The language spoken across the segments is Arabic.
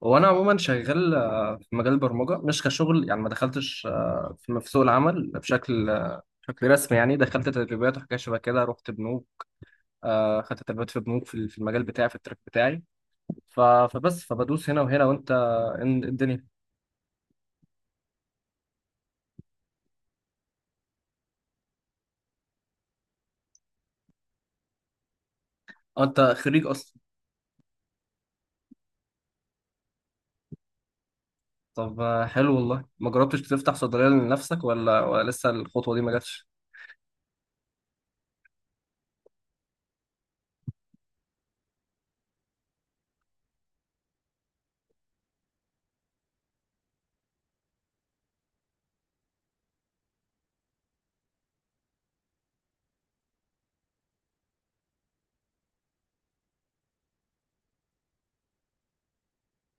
وانا عموما شغال في مجال البرمجه مش كشغل يعني ما دخلتش في سوق العمل بشكل بشكل رسمي يعني دخلت تدريبات وحاجات شبه كده رحت بنوك خدت تدريبات في بنوك في المجال بتاعي في التراك بتاعي فبس فبدوس هنا وهنا وانت الدنيا. انت خريج اصلا؟ طب حلو، والله ما جربتش تفتح صيدليه لنفسك، ولا لسه الخطوه دي ما جاتش؟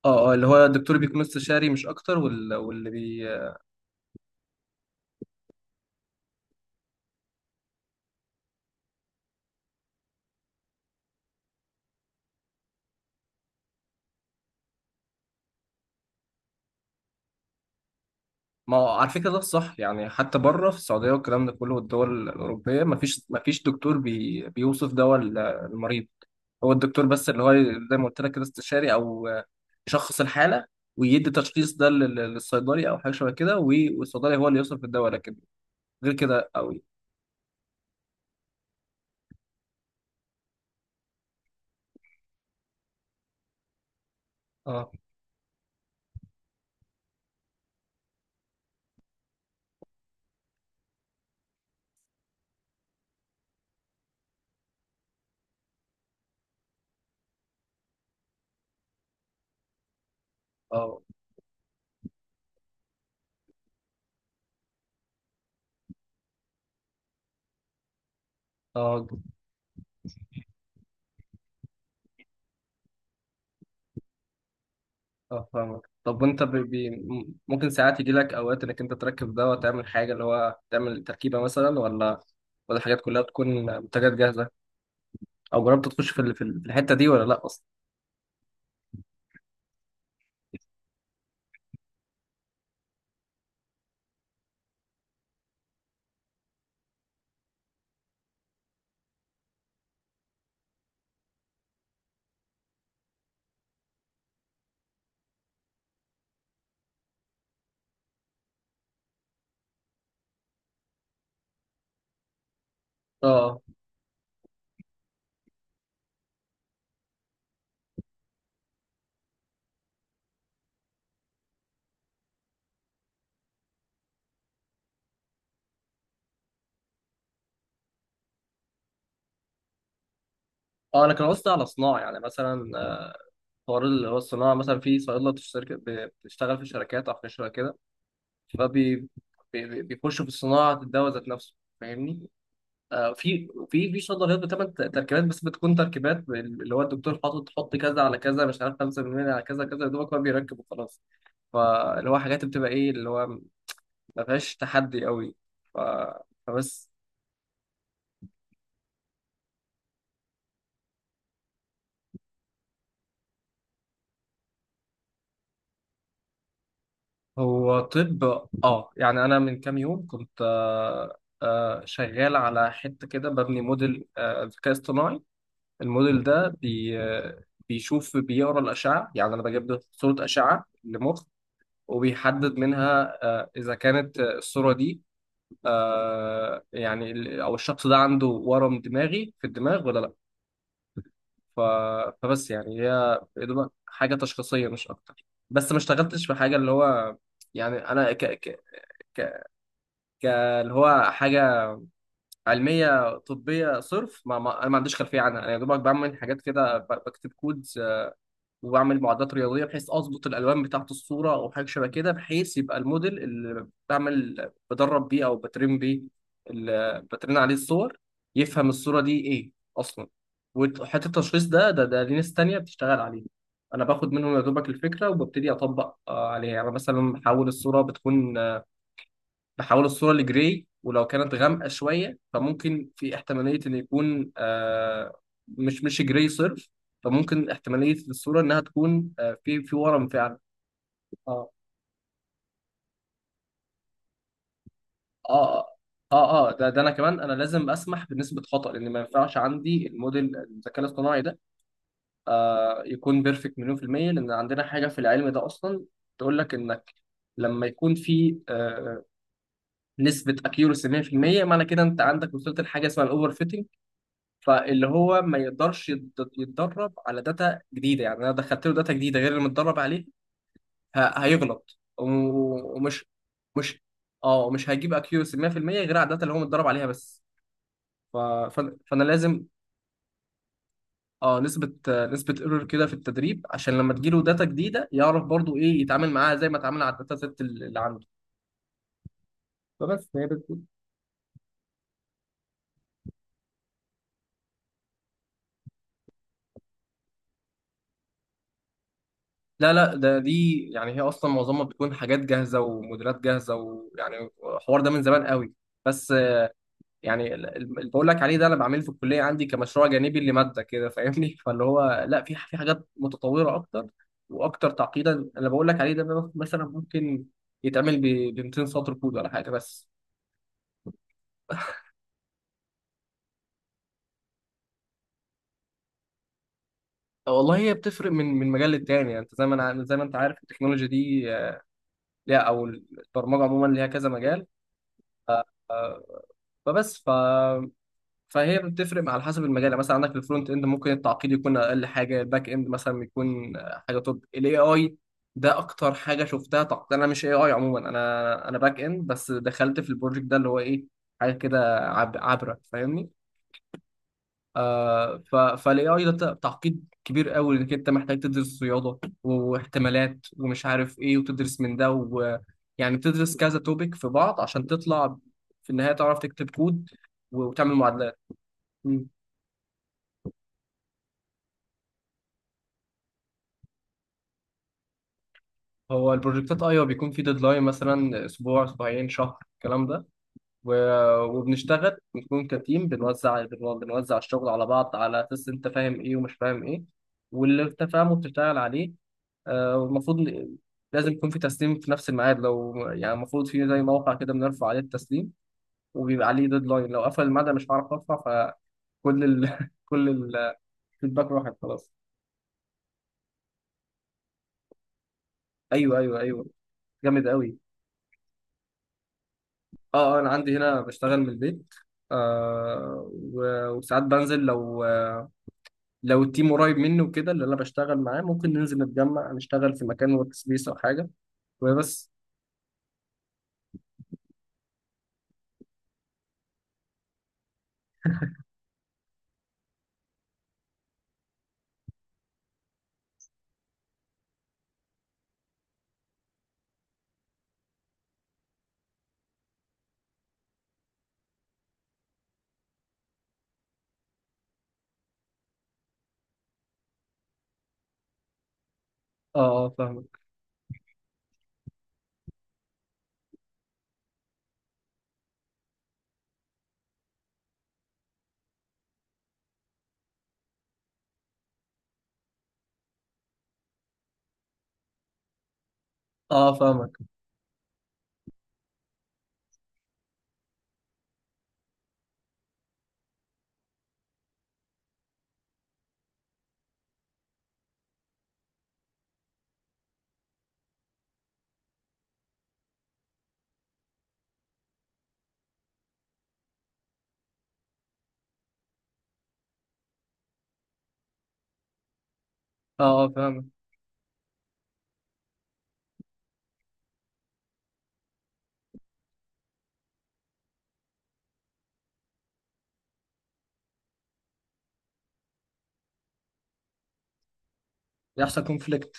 اه اللي هو الدكتور بيكون استشاري مش اكتر، واللي بي. ما هو على فكرة ده الصح يعني، حتى بره في السعودية والكلام ده كله والدول الأوروبية مفيش دكتور بي بيوصف دواء المريض، هو الدكتور بس اللي هو زي ما قلت لك كده استشاري، أو يشخص الحالة ويدي تشخيص ده للصيدلي أو حاجة شبه كده، والصيدلي هو اللي يوصف الدواء، لكن غير كده أوي. اه اه اه اه فاهمك. طب وانت ممكن ساعات يجي لك اوقات انك انت تركب دواء، تعمل حاجه اللي هو تعمل تركيبه مثلا، ولا الحاجات كلها بتكون منتجات جاهزه؟ او جربت تخش في الحته دي ولا لا اصلا؟ اه اه انا كان قصدي على صناعه، يعني مثلا حوار اللي هو الصناعه مثلا، في صيدله بتشترك بتشتغل في شركات او في شركه كده، فبي بيخشوا في صناعه الدواء ذات نفسه، فاهمني؟ آه، في في صيدليات بتعمل تركيبات، بس بتكون تركيبات اللي هو الدكتور حط كذا على كذا، مش عارف 5% على كذا كذا، يا دوبك هو بيركب وخلاص. فاللي هو حاجات بتبقى ايه اللي هو ما فيهاش تحدي قوي. ف... فبس. هو طب، اه يعني انا من كام يوم كنت شغال على حته كده، ببني موديل ذكاء اصطناعي. الموديل ده بي آه، بيشوف، بيقرا الاشعه، يعني انا بجيب له صوره اشعه لمخ، وبيحدد منها اذا كانت الصوره دي يعني او الشخص ده عنده ورم دماغي في الدماغ ولا لا. ف- فبس يعني هي يا دوبك حاجه تشخيصيه مش اكتر، بس ما اشتغلتش في حاجه اللي هو يعني انا ك... ك... ك- اللي هو حاجة علمية طبية صرف، ما أنا ما عنديش خلفية عنها. أنا يا دوبك بعمل حاجات كده، بكتب كودز وبعمل معادلات رياضية بحيث أظبط الألوان بتاعة الصورة أو حاجة شبه كده، بحيث يبقى الموديل اللي بعمل، بدرب بيه أو بترين بيه، اللي بترين عليه الصور، يفهم الصورة دي إيه أصلا. وحتة التشخيص ده ده ليه ناس تانية بتشتغل عليه، أنا باخد منهم يا دوبك الفكرة وببتدي أطبق عليها. يعني مثلا بحول الصورة بتكون، بحول الصورة لجراي، ولو كانت غامقة شوية فممكن في احتمالية إن يكون آه مش جراي صرف، فممكن احتمالية الصورة إنها تكون آه في ورم فعلا. اه اه اه ده انا كمان، انا لازم اسمح بنسبه خطا، لان ما ينفعش عندي الموديل الذكاء الاصطناعي ده آه يكون بيرفكت مليون في الميه، لان عندنا حاجه في العلم ده اصلا تقول لك انك لما يكون في آه نسبه اكيورسي 100%، معنى كده انت عندك وصلت لحاجه اسمها الاوفر فيتنج، فاللي هو ما يقدرش يتدرب على داتا جديده. يعني انا دخلت له داتا جديده غير اللي متدرب عليه، هيغلط و- ومش مش اه مش هيجيب اكيورسي 100% غير على الداتا اللي هو متدرب عليها بس. ف... ف... فانا لازم اه نسبه نسبه ايرور كده في التدريب، عشان لما تجيله داتا جديده يعرف برضو ايه يتعامل معاها زي ما اتعامل على الداتا سيت اللي عنده. فبس هي بتكون. لا ده دي يعني هي اصلا معظمها بتكون حاجات جاهزه وموديلات جاهزه ويعني الحوار ده من زمان قوي، بس يعني اللي بقول لك عليه ده انا بعمله في الكليه عندي كمشروع جانبي لماده كده، فاهمني؟ فاللي هو لا، في في حاجات متطوره اكتر واكتر تعقيدا. اللي بقول لك عليه ده بقى مثلا ممكن يتعمل ب 200 سطر كود ولا حاجه بس. والله هي بتفرق من مجال للتاني. يعني انت زي ما انا، زي ما انت عارف التكنولوجيا دي ليها، او البرمجه عموما ليها كذا مجال، آه، فبس ف فهي بتفرق على حسب المجال. يعني مثلا عندك في الفرونت اند ممكن التعقيد يكون اقل حاجه، الباك اند مثلا يكون حاجه توب، الاي اي ده اكتر حاجه شفتها تعقيد. انا مش اي اي عموما، انا انا باك اند، بس دخلت في البروجكت ده اللي هو ايه حاجه كده عبره، فاهمني؟ آه، فالاي اي ده تعقيد كبير قوي، انك انت محتاج تدرس رياضه واحتمالات ومش عارف ايه وتدرس من ده و... يعني بتدرس كذا توبيك في بعض عشان تطلع في النهايه تعرف تكتب كود وتعمل معادلات. هو البروجكتات ايوه بيكون في ديدلاين، مثلا اسبوع اسبوعين شهر الكلام ده، وبنشتغل بنكون كتيم، بنوزع بنوزع الشغل على بعض على اساس انت فاهم ايه ومش فاهم ايه، واللي انت فاهمه بتشتغل عليه. آه، والمفروض ن- لازم يكون في تسليم في نفس الميعاد. لو يعني المفروض في زي موقع كده بنرفع عليه التسليم، وبيبقى عليه ديدلاين، لو قفل الميعاد أنا مش هعرف ارفع، فكل كل الفيدباك راحت خلاص. ايوه جامد قوي. اه، انا عندي هنا بشتغل من البيت، آه وساعات بنزل، لو لو التيم قريب مني وكده، اللي انا بشتغل معاه، ممكن ننزل نتجمع نشتغل في مكان ورك سبيس او حاجه، وبس. اه اه فاهمك. اه، فاهمك. اه فاهمك. يحصل كونفليكت.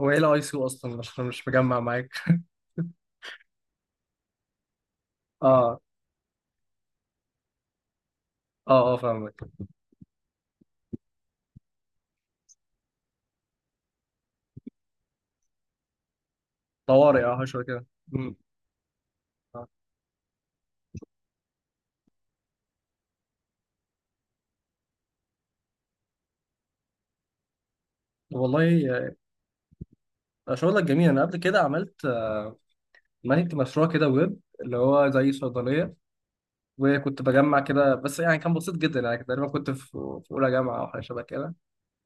هو ايه الاي سي اصلا؟ مش مجمع معاك. اه اه اه فاهمك. طوارئ اه شويه كده. مم. آه. والله شغلك جميل. انا قبل كده عملت مانجت مشروع كده ويب اللي هو زي صيدليه، وكنت بجمع كده، بس يعني كان بسيط جدا يعني. تقريبا كنت في في اولى جامعه او حاجه شبه كده،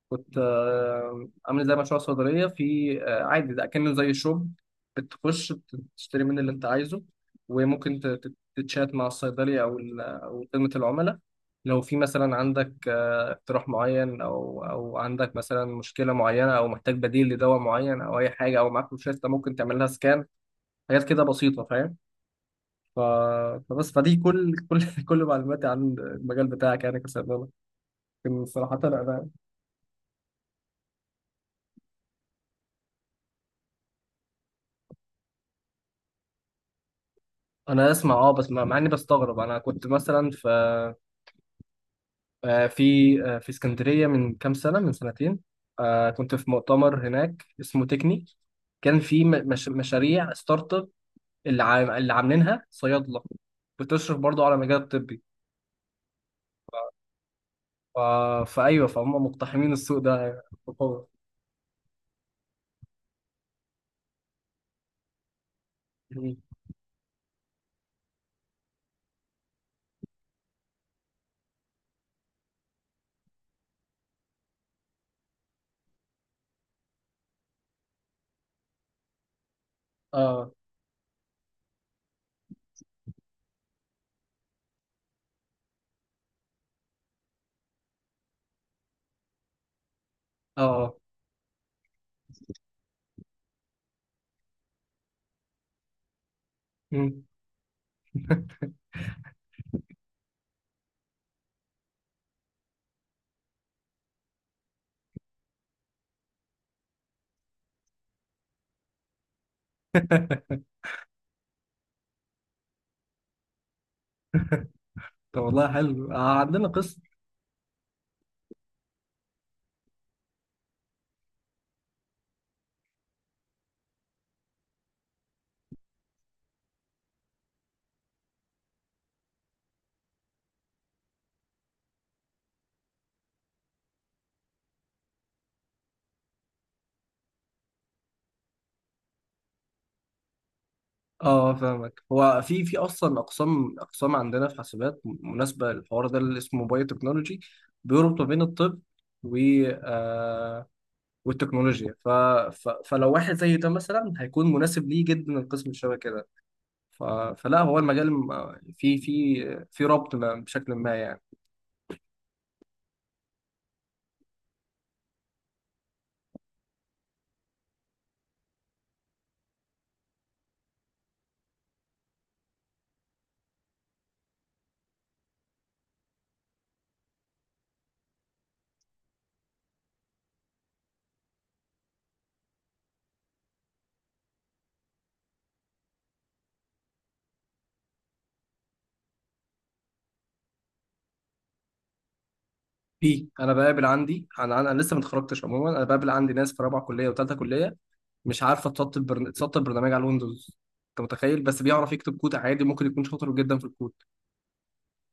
كنت عامل زي مشروع صيدليه في آه، عادي، ده كأنه زي شوب، بتخش تشتري من اللي انت عايزه، وممكن تتشات مع الصيدلي او خدمه العملاء لو في مثلا عندك اقتراح معين، او عندك مثلا مشكله معينه، او محتاج بديل لدواء معين، او اي حاجه، او معاك روشته ممكن تعمل لها سكان، حاجات كده بسيطه، فاهم؟ ف... فبس، فدي كل كل معلوماتي عن المجال بتاعك يعني، كسبابة. لكن صراحة أنا أنا أسمع أه بس مع إني بستغرب. أنا كنت مثلا آه، في في اسكندرية من كام سنة، من سنتين كنت في مؤتمر هناك اسمه تكني، كان في م- مش... مشاريع ستارت اب اللي عاملينها صيادلة، بتشرف برضه على المجال الطبي. ف... فأيوه، فهم مقتحمين السوق ده بقوة. م. اه اه آه. م. طب والله حلو. عندنا قسم، اه فاهمك، هو في اصلا اقسام، اقسام عندنا في حاسبات مناسبه للحوار ده، اللي اسمه بايو تكنولوجي، بيربط ما بين الطب و آه والتكنولوجيا، فلو واحد زي ده مثلا هيكون مناسب ليه جدا القسم اللي شبه كده. ف... فلا، هو المجال في في ربط ما بشكل ما يعني. في، انا بقابل عندي، انا انا لسه ما اتخرجتش عموما، انا بقابل عندي ناس في رابعه كليه وثالثه كليه مش عارفه تسطب تسطب برنامج على الويندوز، انت متخيل؟ بس بيعرف يكتب كود عادي، ممكن يكون شاطر جدا في الكود.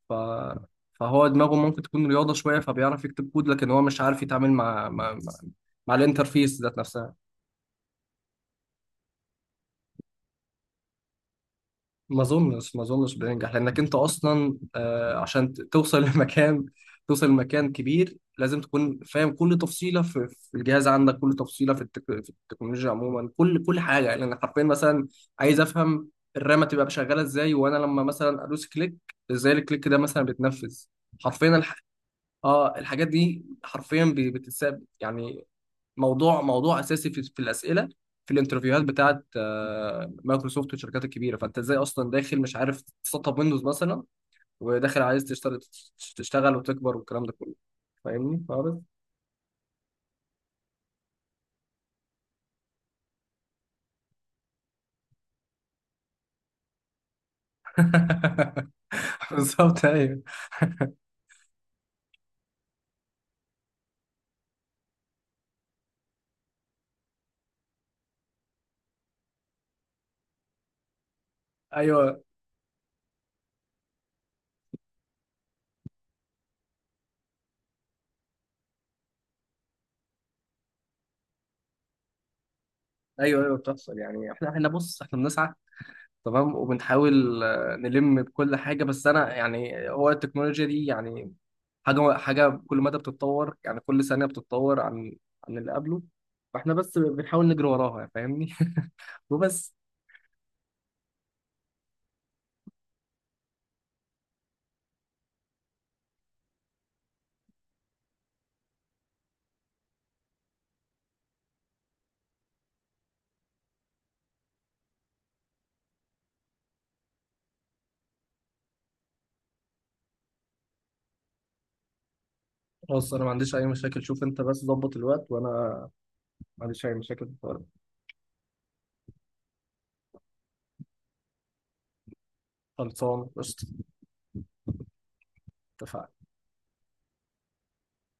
ف... فهو دماغه ممكن تكون رياضه شويه فبيعرف يكتب كود، لكن هو مش عارف يتعامل مع مع الانترفيس ذات نفسها. ما اظنش بينجح، لانك انت اصلا عشان توصل لمكان، توصل لمكان كبير، لازم تكون فاهم كل تفصيله في الجهاز عندك، كل تفصيله في التكنولوجيا عموما، كل حاجه يعني. انا حرفيا مثلا عايز افهم الرامه تبقى شغاله ازاي، وانا لما مثلا ادوس كليك ازاي الكليك ده مثلا بيتنفذ، حرفيا اه الحاجات دي حرفيا بتتساب يعني. موضوع اساسي في الاسئله في الانترفيوهات بتاعت مايكروسوفت والشركات الكبيره، فانت ازاي اصلا داخل مش عارف تسطب ويندوز مثلا، وداخل عايز تشتغل، تشتغل وتكبر والكلام ده كله، فاهمني خالص؟ بالظبط. ايوه ايوه ايوه بتحصل يعني. احنا بص، احنا بنسعى تمام، وبنحاول نلم بكل حاجه، بس انا يعني هو التكنولوجيا دي يعني حاجه كل مدى بتتطور، يعني كل ثانيه بتتطور عن اللي قبله، فاحنا بس بنحاول نجري وراها يعني، فاهمني؟ وبس. خلاص، انا ما عنديش اي مشاكل، شوف انت بس ظبط الوقت، وانا ما عنديش اي مشاكل في الحوار. خلصان قشطه. اتفقنا.